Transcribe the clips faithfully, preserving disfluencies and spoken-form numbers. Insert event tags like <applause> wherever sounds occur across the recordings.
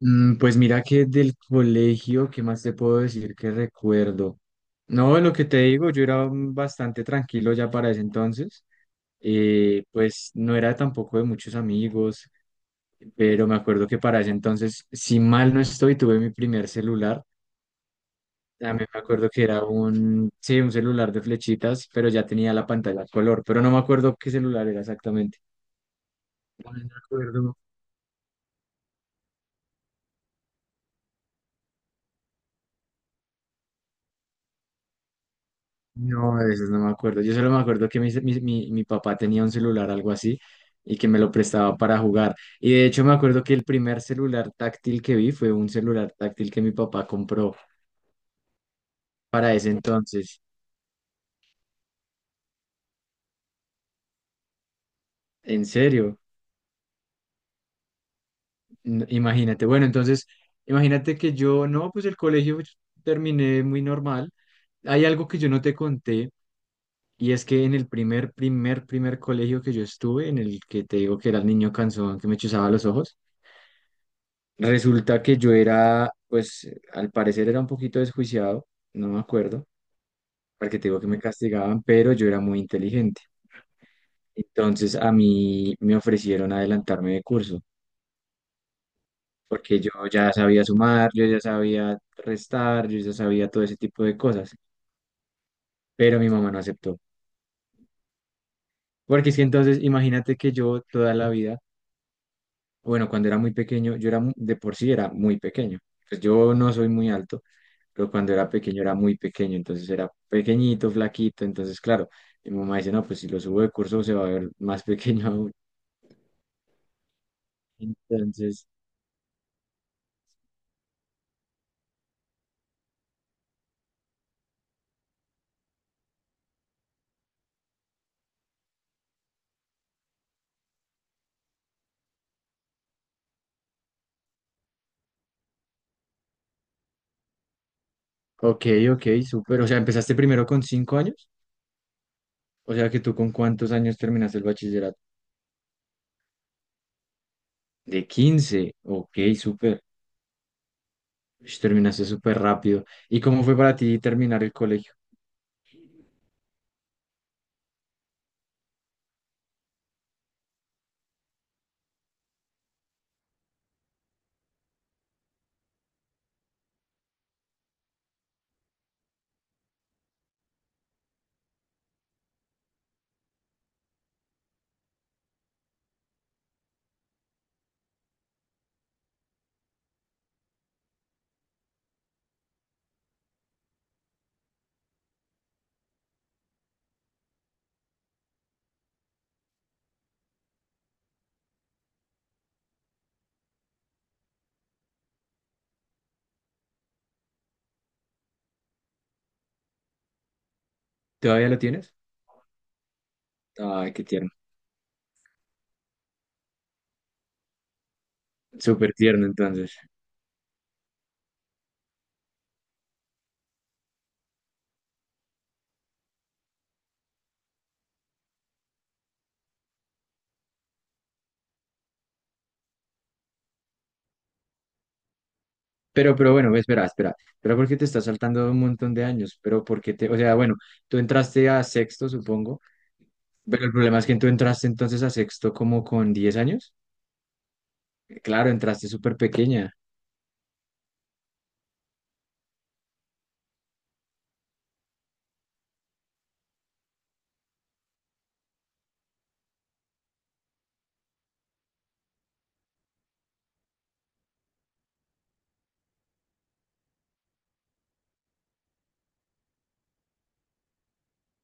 Mm, Pues mira que del colegio, ¿qué más te puedo decir que recuerdo? No, lo que te digo, yo era mm, bastante tranquilo ya para ese entonces. Eh, pues no era tampoco de muchos amigos, pero me acuerdo que para ese entonces, si mal no estoy, tuve mi primer celular. También me acuerdo que era un, sí, un celular de flechitas, pero ya tenía la pantalla a color, pero no me acuerdo qué celular era exactamente. No me acuerdo. No, de esos no me acuerdo. Yo solo me acuerdo que mi, mi, mi- mi papá tenía un celular, algo así, y que me lo prestaba para jugar. Y de hecho me acuerdo que el primer celular táctil que vi fue un celular táctil que mi papá compró para ese entonces. En serio, N- imagínate. Bueno, entonces, imagínate que yo, no, pues el colegio yo terminé muy normal. Hay algo que yo no te conté, y es que en el primer, primer, primer colegio que yo estuve, en el que te digo que era el niño cansón que me chuzaba los ojos. Resulta que yo era, pues, al parecer era un poquito desjuiciado, no me acuerdo, porque te digo que me castigaban, pero yo era muy inteligente. Entonces a mí me ofrecieron adelantarme de curso, porque yo ya sabía sumar, yo ya sabía restar, yo ya sabía todo ese tipo de cosas, pero mi mamá no aceptó. Porque es que entonces imagínate que yo toda la vida, bueno, cuando era muy pequeño, yo era mu- de por sí era muy pequeño, pues yo no soy muy alto, pero cuando era pequeño era muy pequeño, entonces era pequeñito, flaquito, entonces claro, mi mamá dice, no, pues si lo subo de curso se va a ver más <laughs> pequeño aún. Entonces, ok, ok, súper, o sea, empezaste primero con cinco años, ¿o sea que tú con cuántos años terminaste el bachillerato? De quince, ok, súper. Ush, terminaste súper rápido. ¿Y cómo fue para ti terminar el colegio? ¿Todavía lo tienes? Ay, qué tierno, súper tierno entonces. Pero, pero bueno, espera, espera, espera porque te estás saltando un montón de años, pero porque te, o sea, bueno, tú entraste a sexto, supongo, pero el problema es que tú entraste entonces a sexto como con diez años. Claro, entraste súper pequeña.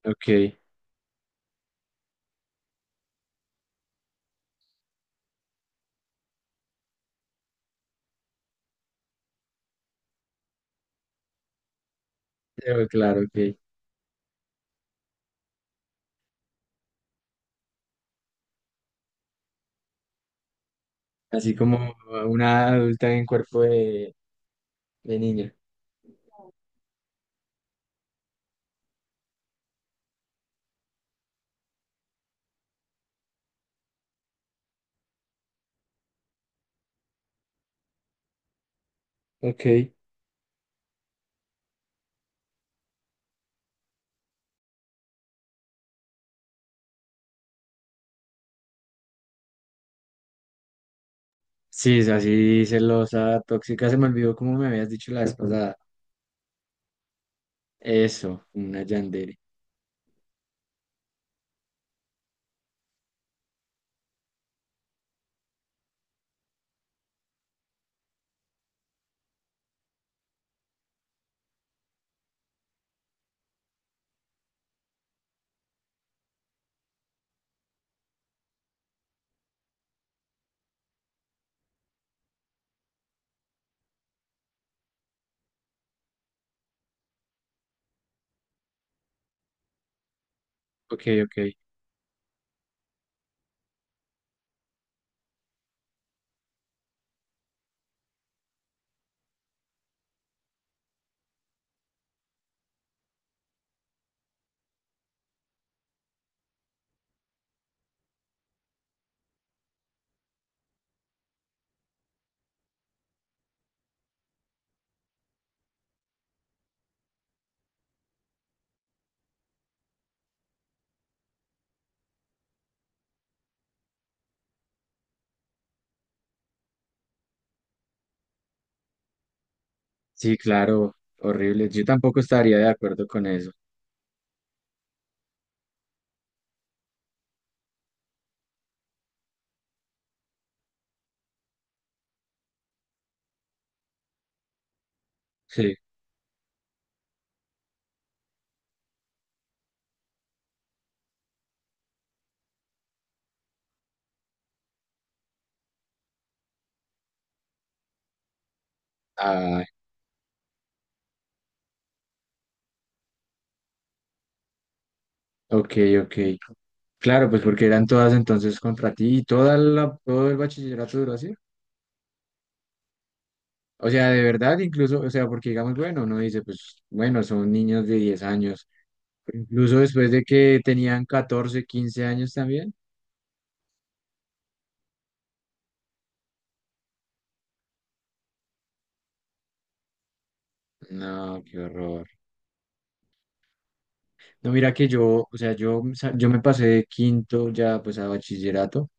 Ok, eh, claro, ok. Así como una adulta en cuerpo de, de niña. Ok. Sí, es así celosa, tóxica, se me olvidó como me habías dicho la vez pasada. Eso, una yandere. Ok, ok. Sí, claro, horrible. Yo tampoco estaría de acuerdo con eso. Sí. Ah, ok, ok. Claro, pues porque eran todas entonces contra ti y toda la, todo el bachillerato duró así. O sea, de verdad, incluso, o sea, porque digamos, bueno, uno dice, pues bueno, son niños de diez años, pero incluso después de que tenían catorce quince años también. No, qué horror. No, mira que yo, o sea, yo, sa- yo me pasé de quinto ya pues a bachillerato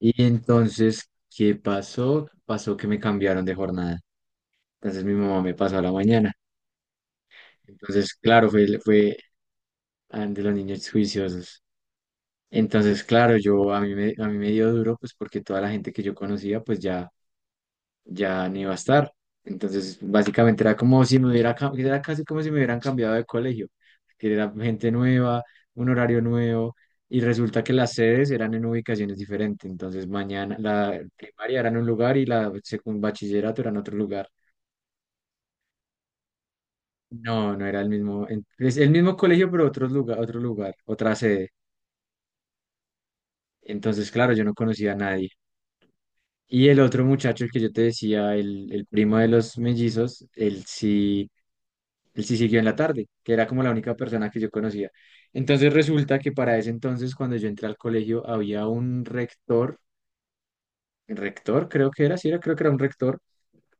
y entonces, ¿qué pasó? Pasó que me cambiaron de jornada. Entonces mi mamá me pasó a la mañana. Entonces, claro, fue, fue ah, de los niños juiciosos. Entonces, claro, yo a mí me, a mí me dio duro, pues porque toda la gente que yo conocía, pues ya, ya no iba a estar. Entonces, básicamente era como si me hubiera, cam- era casi como si me hubieran cambiado de colegio, que era gente nueva, un horario nuevo, y resulta que las sedes eran en ubicaciones diferentes. Entonces, mañana la primaria era en un lugar y la secund bachillerato era en otro lugar. No, no era el mismo, en- es el mismo colegio, pero otro lugar, otro lugar, otra sede. Entonces, claro, yo no conocía a nadie. Y el otro muchacho, el que yo te decía, el, el primo de los mellizos, él sí, él sí siguió en la tarde, que era como la única persona que yo conocía. Entonces resulta que para ese entonces, cuando yo entré al colegio, había un rector, rector creo que era, sí era, creo que era un rector,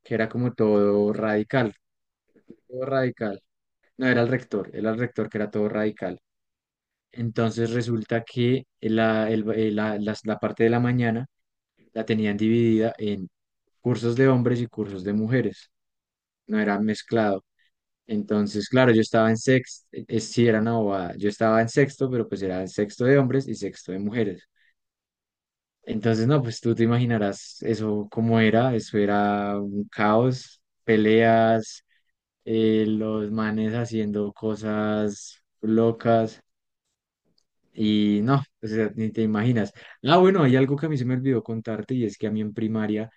que era como todo radical, todo radical. No, era el rector, era el rector que era todo radical. Entonces resulta que la, el- eh, la, las- la parte de la mañana la tenían dividida en cursos de hombres y cursos de mujeres. No era mezclado. Entonces, claro, yo estaba en sexto, eh, eh, sí era una bobada, yo estaba en sexto, pero pues era en sexto de hombres y sexto de mujeres. Entonces, no, pues tú te imaginarás eso cómo era, eso era un caos, peleas, eh, los manes haciendo cosas locas y no, o sea, ni te imaginas. Ah, bueno, hay algo que a mí se me olvidó contarte y es que a mí en primaria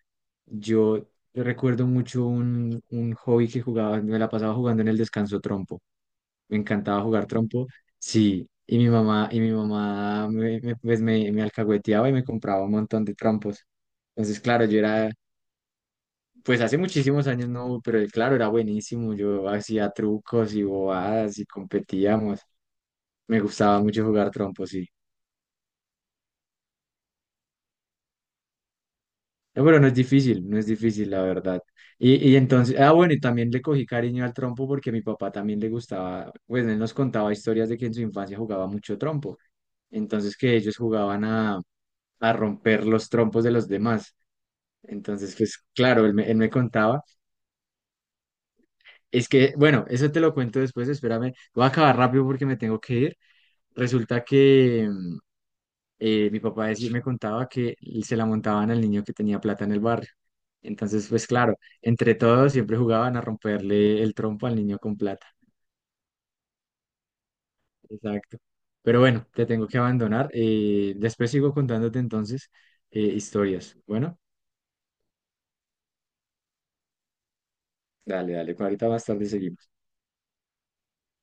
yo recuerdo mucho un, un hobby que jugaba, me la pasaba jugando en el descanso trompo. Me encantaba jugar trompo, sí, y mi mamá, y mi mamá me, me- pues me, me alcahueteaba y me compraba un montón de trompos. Entonces, claro, yo era, pues hace muchísimos años no, pero claro, era buenísimo, yo hacía trucos y bobadas y competíamos, me gustaba mucho jugar trompo, sí. No, pero no es difícil, no es difícil, la verdad. Y, y entonces, ah, bueno, y también le cogí cariño al trompo porque a mi papá también le gustaba, pues él nos contaba historias de que en su infancia jugaba mucho trompo. Entonces que ellos jugaban a, a romper los trompos de los demás. Entonces, pues claro, él me, él me contaba. Es que, bueno, eso te lo cuento después, espérame. Voy a acabar rápido porque me tengo que ir. Resulta que mm, eh, mi papá decí- me contaba que se la montaban al niño que tenía plata en el barrio. Entonces, pues claro, entre todos siempre jugaban a romperle el trompo al niño con plata. Exacto. Pero bueno, te tengo que abandonar. Eh, después sigo contándote entonces eh, historias. Bueno, dale, dale. Ahorita más tarde seguimos.